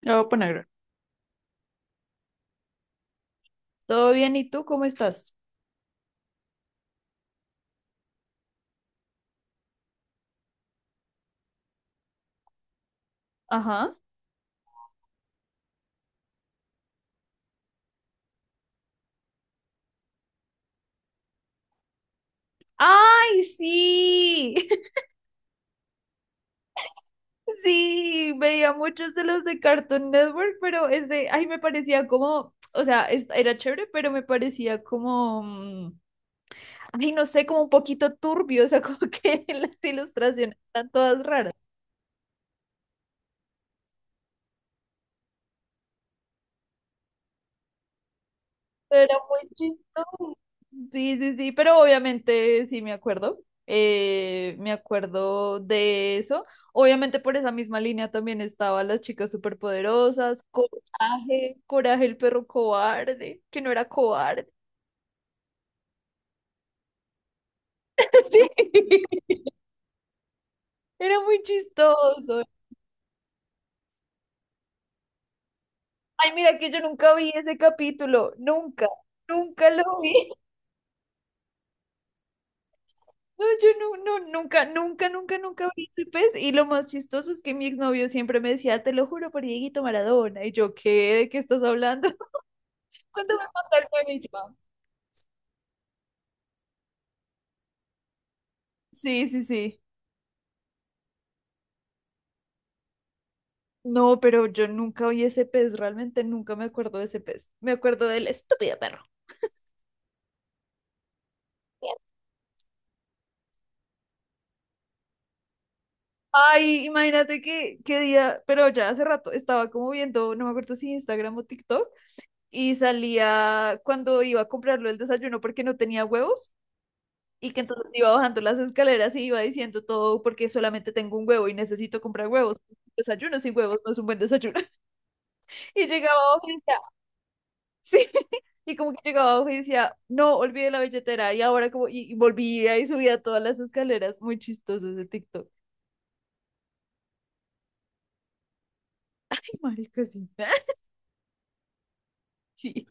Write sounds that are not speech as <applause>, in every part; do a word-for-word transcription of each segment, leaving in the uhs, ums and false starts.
La voy a poner. ¿Todo bien? ¿Y tú cómo estás? Ajá. ¡Ay, sí! <laughs> Sí, veía muchos de los de Cartoon Network, pero ese, ay, me parecía como, o sea, es- era chévere, pero me parecía como, mm, ay, no sé, como un poquito turbio, o sea, <laughs> como que las ilustraciones están todas raras. Era muy chistoso. Sí, sí, sí, pero obviamente sí me acuerdo. Eh, me acuerdo de eso. Obviamente por esa misma línea también estaba Las chicas superpoderosas, Coraje, Coraje el perro cobarde, que no era cobarde. <laughs> Sí, era muy chistoso. Ay, mira que yo nunca vi ese capítulo, nunca, nunca lo vi. No, yo no, no, nunca, nunca, nunca, nunca vi ese pez. Y lo más chistoso es que mi exnovio siempre me decía, te lo juro por Dieguito Maradona. Y yo, ¿qué? ¿De qué estás hablando? <laughs> Cuando me mandó el meme, yo, "Ah, sí, sí, sí". No, pero yo nunca vi ese pez, realmente nunca me acuerdo de ese pez. Me acuerdo del estúpido perro. Ay, imagínate que, que día, pero ya hace rato estaba como viendo, no me acuerdo si Instagram o TikTok, y salía cuando iba a comprarlo el desayuno porque no tenía huevos. Y que entonces iba bajando las escaleras y iba diciendo todo porque solamente tengo un huevo y necesito comprar huevos. Desayuno sin huevos no es un buen desayuno. <laughs> Y llegaba abajo y decía, sí. <laughs> Y como que llegaba abajo y decía, no, olvidé la billetera. Y ahora como, y, y volvía y subía todas las escaleras. Muy chistoso ese TikTok. <laughs> Sí, marica, sí. <laughs> Sí,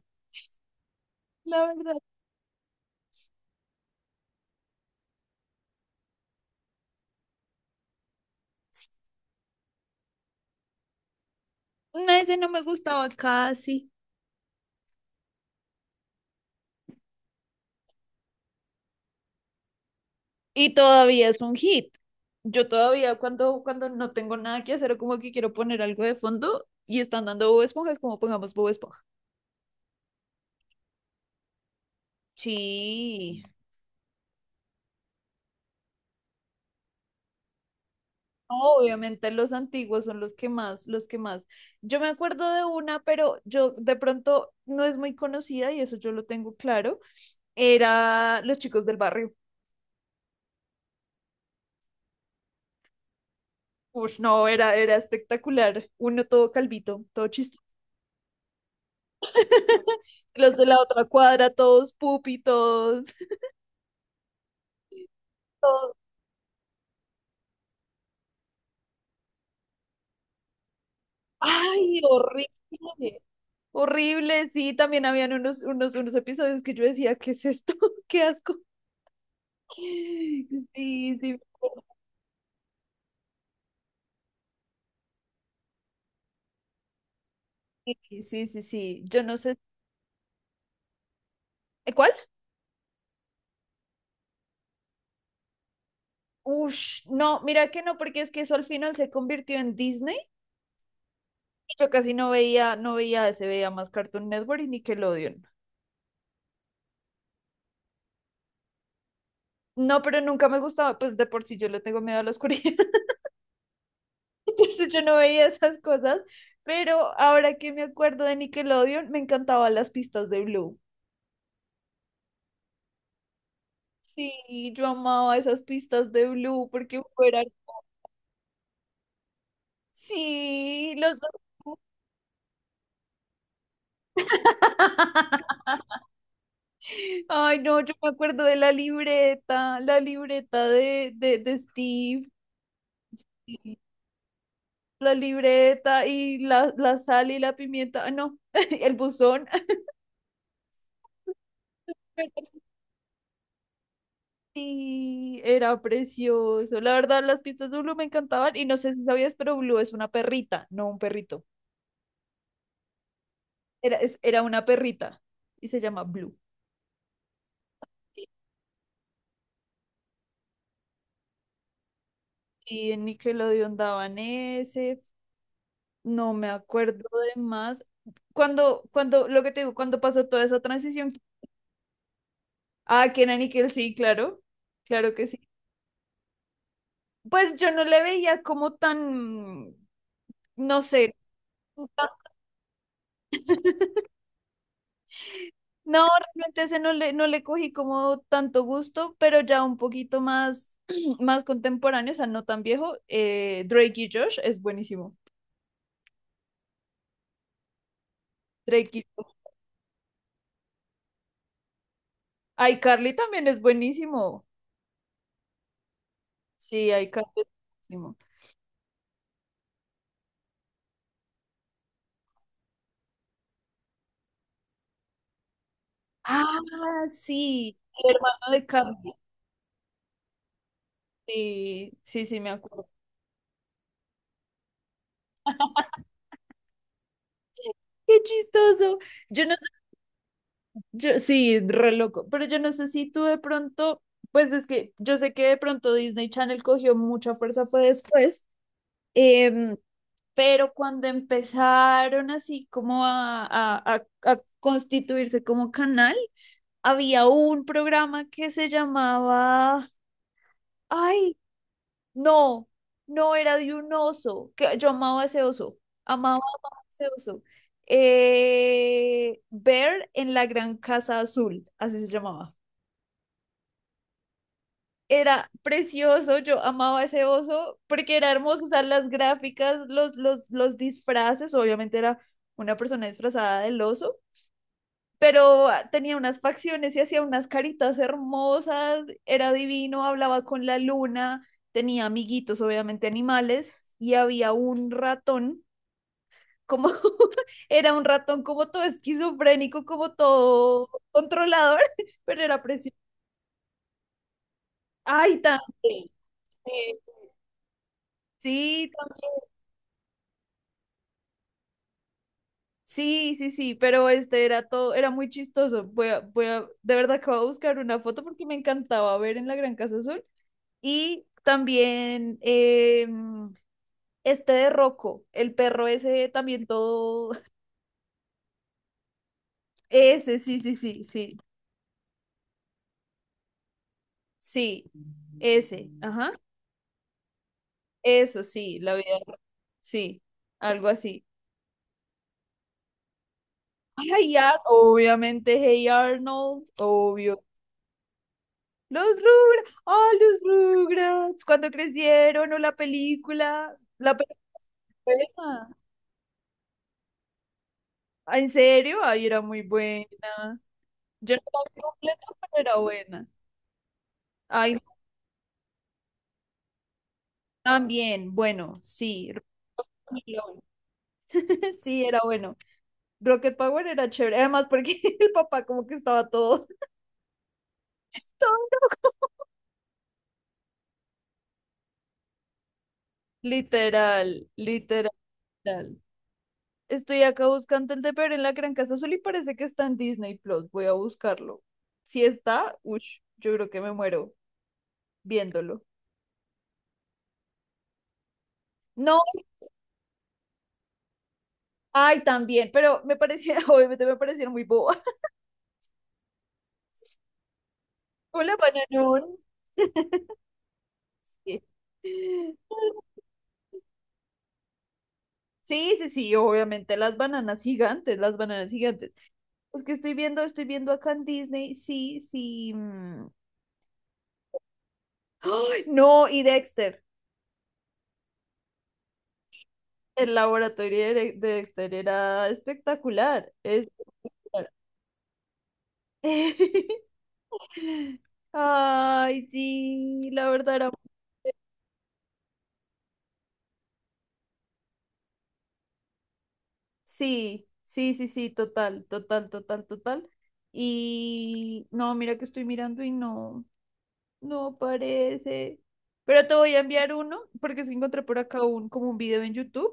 la verdad. No, ese no me gustaba casi. Y todavía es un hit. Yo todavía cuando, cuando no tengo nada que hacer o como que quiero poner algo de fondo y están dando Bob Esponja, es como pongamos Bob Esponja. Sí. Obviamente los antiguos son los que más, los que más. Yo me acuerdo de una, pero yo de pronto no es muy conocida y eso yo lo tengo claro. Era Los Chicos del Barrio. Uf, no, era, era espectacular. Uno todo calvito, todo chistoso. <laughs> Los de la otra cuadra, todos pupi, todos, <laughs> todos. Ay, horrible, horrible. Sí, también habían unos, unos, unos episodios que yo decía, ¿qué es esto? <laughs> ¡Qué asco! Sí, sí, sí, sí, sí, sí. Yo no sé. ¿Eh, Cuál? Ush, no, mira que no, porque es que eso al final se convirtió en Disney. Y yo casi no veía, no veía ese, veía más Cartoon Network y Nickelodeon. No, pero nunca me gustaba, pues de por sí yo le tengo miedo a la oscuridad, <laughs> entonces yo no veía esas cosas, pero ahora que me acuerdo de Nickelodeon, me encantaban las pistas de Blue. Sí, yo amaba esas pistas de Blue porque fueran. Sí, los dos. <laughs> Ay, no, yo me acuerdo de la libreta, la libreta de, de, de Steve, sí, la libreta y la, la sal y la pimienta, ah, no, <laughs> el buzón. Pero sí, era precioso. La verdad, las pistas de Blue me encantaban y no sé si sabías, pero Blue es una perrita, no un perrito. Era, es- era una perrita y se llama Blue. Y en Nickelodeon daban ese, no me acuerdo de más. Cuando, cuando, lo que te digo, cuando pasó toda esa transición, ah, que era Nickel, sí, claro, claro que sí. Pues yo no le veía como tan, no sé, <laughs> tan- no, realmente ese no le, no le cogí como tanto gusto, pero ya un poquito más, <clears throat> más contemporáneo, o sea, no tan viejo, eh, Drake y Josh es buenísimo. Drake y Josh. iCarly también es buenísimo. Sí, iCarly es buenísimo. Ah, sí, el hermano de Carmen. Sí, sí, sí, me acuerdo. Qué chistoso. Yo no sé, yo, sí, re loco, pero yo no sé si tú de pronto, pues es que yo sé que de pronto Disney Channel cogió mucha fuerza, fue después, em, pero cuando empezaron así como a, a, a- a constituirse como canal, había un programa que se llamaba, ay, no, no era de un oso, que yo amaba ese oso, amaba, amaba ese oso. Eh, Bear en la Gran Casa Azul, así se llamaba. Era precioso, yo amaba ese oso porque era hermoso, o sea, las gráficas, los, los, los disfraces, obviamente era una persona disfrazada del oso, pero tenía unas facciones y hacía unas caritas hermosas, era divino, hablaba con la luna, tenía amiguitos, obviamente animales, y había un ratón, como <laughs> era un ratón como todo esquizofrénico, como todo controlador, <laughs> pero era precioso. Ay, también. eh, Sí, tam- sí, sí, sí, pero este era todo, era muy chistoso. Voy a, voy a, de verdad que voy a buscar una foto porque me encantaba ver en la Gran Casa Azul. Y también eh, este de Rocco, el perro ese también todo. <laughs> Ese, sí, sí, sí, sí. Sí, ese. Ajá. Eso sí, la vida. Sí, algo así. Ay, Ar- obviamente, Hey Arnold, obvio. Los Rugrats, ah, los Rugrats, cuando crecieron, o la película, la película. ¿En serio? Ay, era muy buena. Yo no la vi completa, pero era buena. Ay, también, bueno, sí, Rocket Melón. <laughs> Sí, era bueno. Rocket Power era chévere, además porque <laughs> el papá como que estaba todo, <laughs> todo literal, literal. Estoy acá buscando el de Pero en la Gran Casa Azul y parece que está en Disney Plus. Voy a buscarlo. Si está, uff, yo creo que me muero viéndolo. No, ay, también, pero me parecía, <laughs> obviamente me parecieron muy boba. <laughs> Hola, bananón. Sí. Sí, sí, sí, obviamente las bananas gigantes, las bananas gigantes. Es que estoy viendo, estoy viendo acá en Disney, sí, sí. Mm. ¡Ay, no, y Dexter, el laboratorio de Re- de Dexter era espectacular, espectacular. <laughs> Ay, sí, la verdad era... Sí, sí, sí, sí, total, total, total, total. Y no, mira que estoy mirando y no. No parece. Pero te voy a enviar uno, porque se encontré por acá un, como un video en YouTube.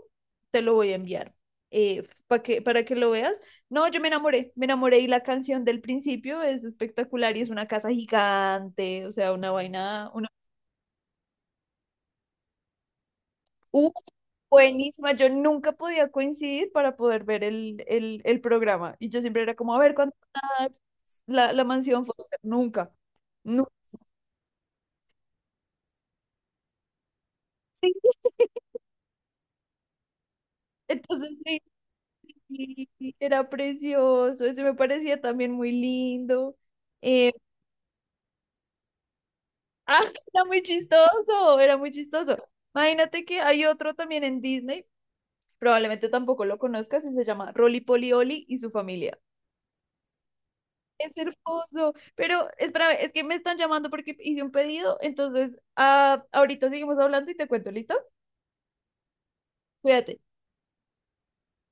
Te lo voy a enviar para que, para que lo veas. No, yo me enamoré, me enamoré y la canción del principio es espectacular y es una casa gigante, o sea, una vaina, una... ¡Uh! Buenísima, yo nunca podía coincidir para poder ver el, el, el programa. Y yo siempre era como, a ver, ¿cuándo van a dar la, la mansión Foster? Nunca, nunca. <laughs> Entonces, sí, sí, era precioso, ese me parecía también muy lindo. Eh, ah, <laughs> era muy chistoso, era muy chistoso. Imagínate que hay otro también en Disney, probablemente tampoco lo conozcas, y se llama Rolly Polly Olly y su familia. Es hermoso, pero espera, es que me están llamando porque hice un pedido, entonces ah, ahorita seguimos hablando y te cuento, ¿listo? Cuídate.